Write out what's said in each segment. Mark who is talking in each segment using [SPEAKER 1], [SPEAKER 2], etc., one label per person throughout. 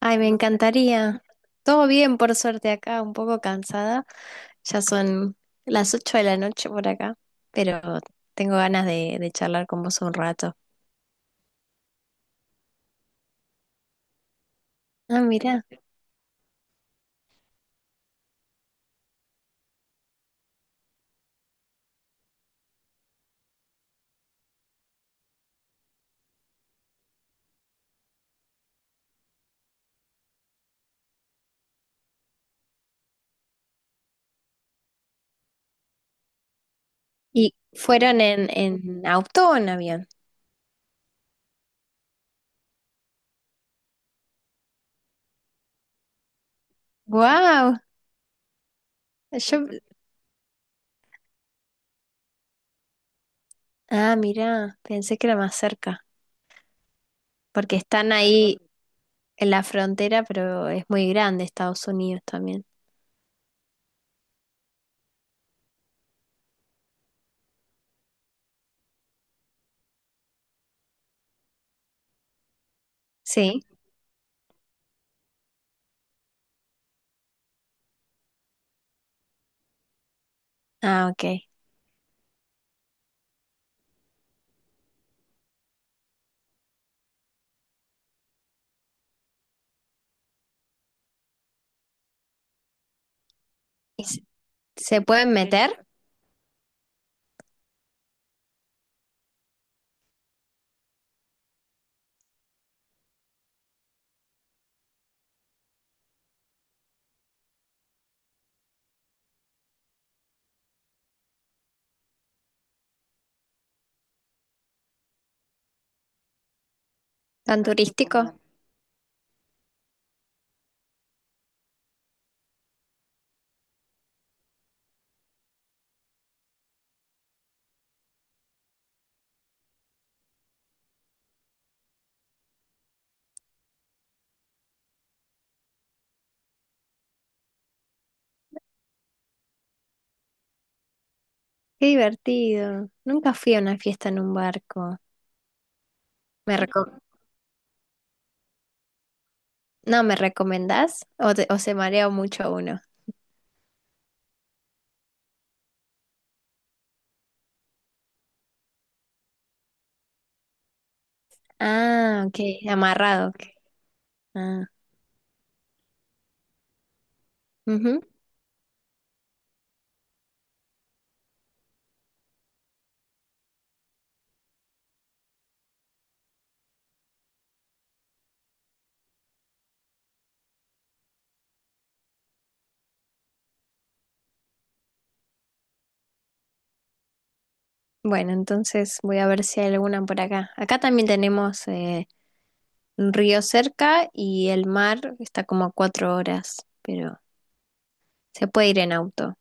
[SPEAKER 1] Ay, me encantaría. Todo bien, por suerte acá, un poco cansada. Ya son las 8 de la noche por acá, pero tengo ganas de charlar con vos un rato. Ah, mira. ¿Y fueron en auto o en avión? ¡Wow! Yo, ah, mira, pensé que era más cerca, porque están ahí en la frontera, pero es muy grande Estados Unidos también. Sí. Ah, ok. ¿Y se pueden meter? ¿Tan turístico? Qué divertido. Nunca fui a una fiesta en un barco. ¿Me reco- no, ¿me recomendás? ¿O, o se marea mucho uno? Ah, ok, amarrado. Ok. Ah, ujú. Bueno, entonces voy a ver si hay alguna por acá. Acá también tenemos un río cerca y el mar está como a 4 horas, pero se puede ir en auto.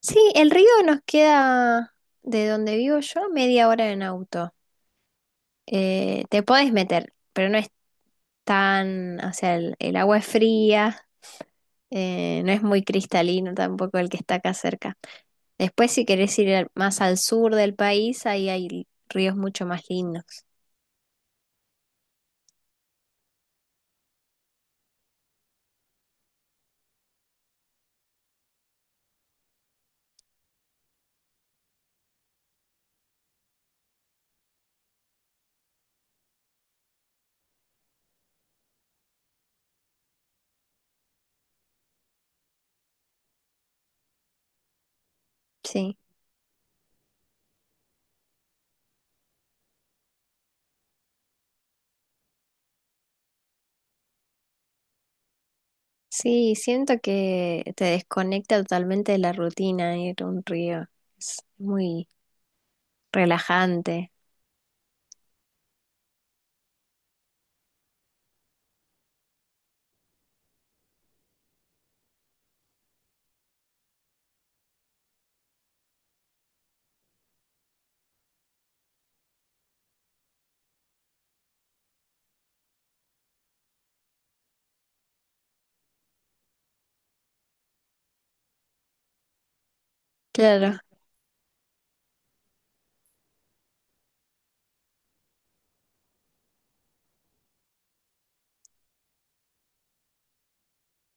[SPEAKER 1] Sí, el río nos queda de donde vivo yo media hora en auto. Te podés meter, pero no es tan, o sea, el agua es fría, no es muy cristalino tampoco el que está acá cerca. Después, si querés ir más al sur del país, ahí hay ríos mucho más lindos. Sí, sí, siento que te desconecta totalmente de la rutina ir a un río. Es muy relajante. Claro.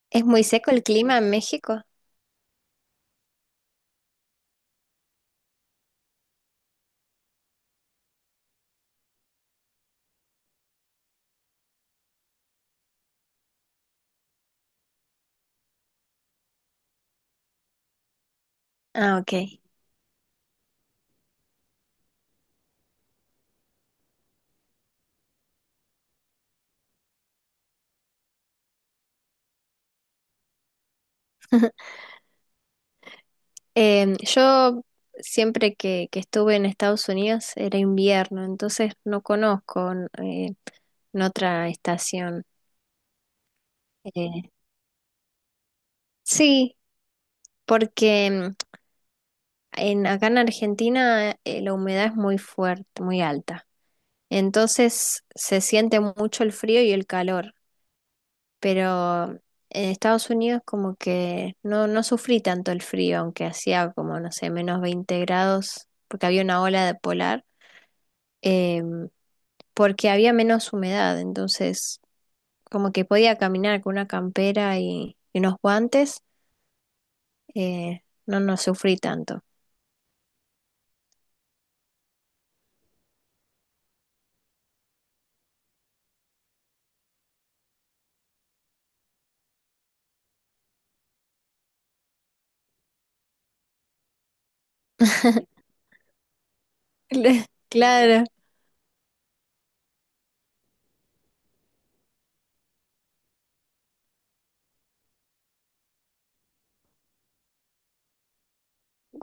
[SPEAKER 1] ¿Es muy seco el clima en México? Ah, ok. Yo siempre que estuve en Estados Unidos era invierno, entonces no conozco eh, en otra estación. Eh, sí, porque acá en Argentina la humedad es muy fuerte, muy alta. Entonces se siente mucho el frío y el calor, pero en Estados Unidos como que no, no sufrí tanto el frío, aunque hacía como, no sé, -20 grados, porque había una ola de polar. em, Porque había menos humedad, entonces como que podía caminar con una campera y unos guantes, no, no sufrí tanto. Claro,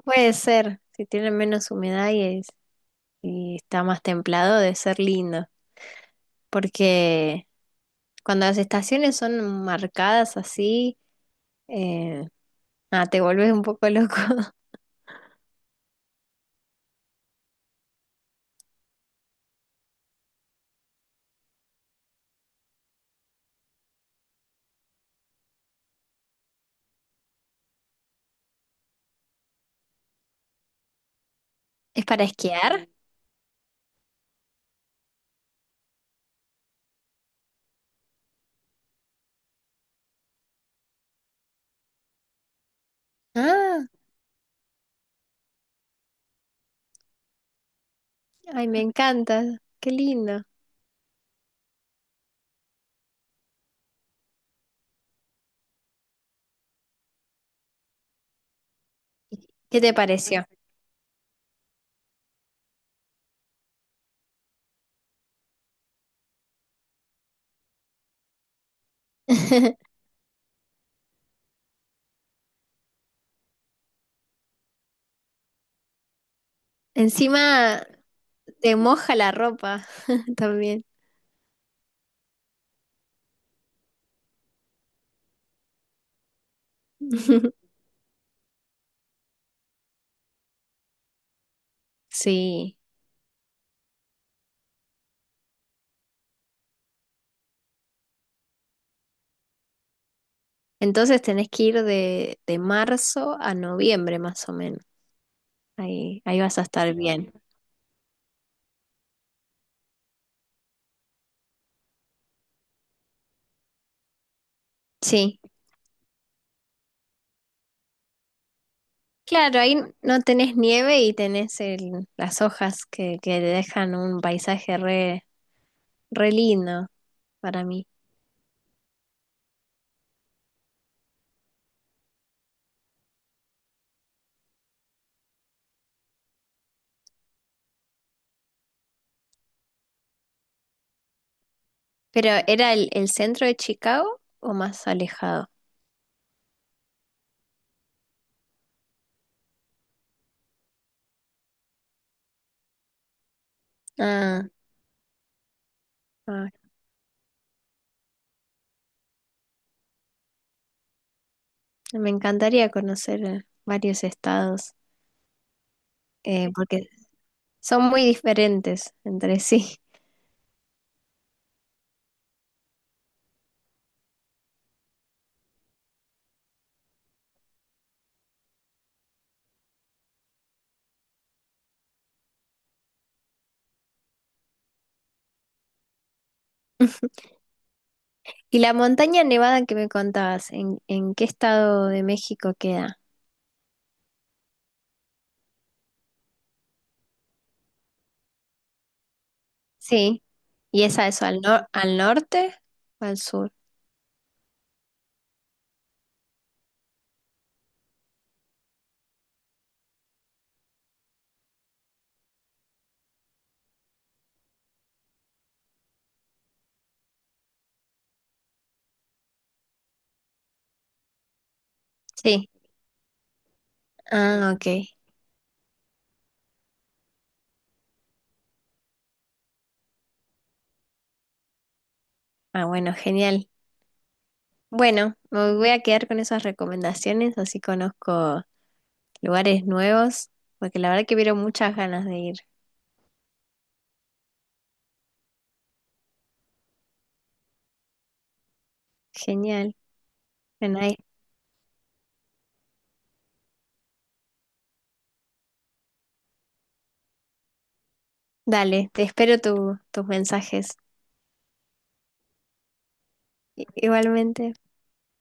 [SPEAKER 1] puede ser, si tiene menos humedad y está más templado, debe ser lindo, porque cuando las estaciones son marcadas así, eh, te volvés un poco loco. ¿Es para esquiar? Ah, ay, me encanta, qué lindo. ¿Qué te pareció? Encima, te moja la ropa también. Sí. Entonces tenés que ir de marzo a noviembre más o menos. Ahí, ahí vas a estar bien. Sí. Claro, ahí no tenés nieve y tenés las hojas que le dejan un paisaje re, re lindo para mí. Pero ¿era el centro de Chicago o más alejado? Ah, ah, me encantaría conocer varios estados porque son muy diferentes entre sí. Y la montaña nevada que me contabas, en qué estado de México queda? Sí. ¿Y esa es al al norte o al sur? Sí. Ah, ok. Ah, bueno, genial. Bueno, me voy a quedar con esas recomendaciones, así conozco lugares nuevos, porque la verdad que vieron muchas ganas de ir. Genial. Bueno, ahí- Dale, te espero tus mensajes. Igualmente.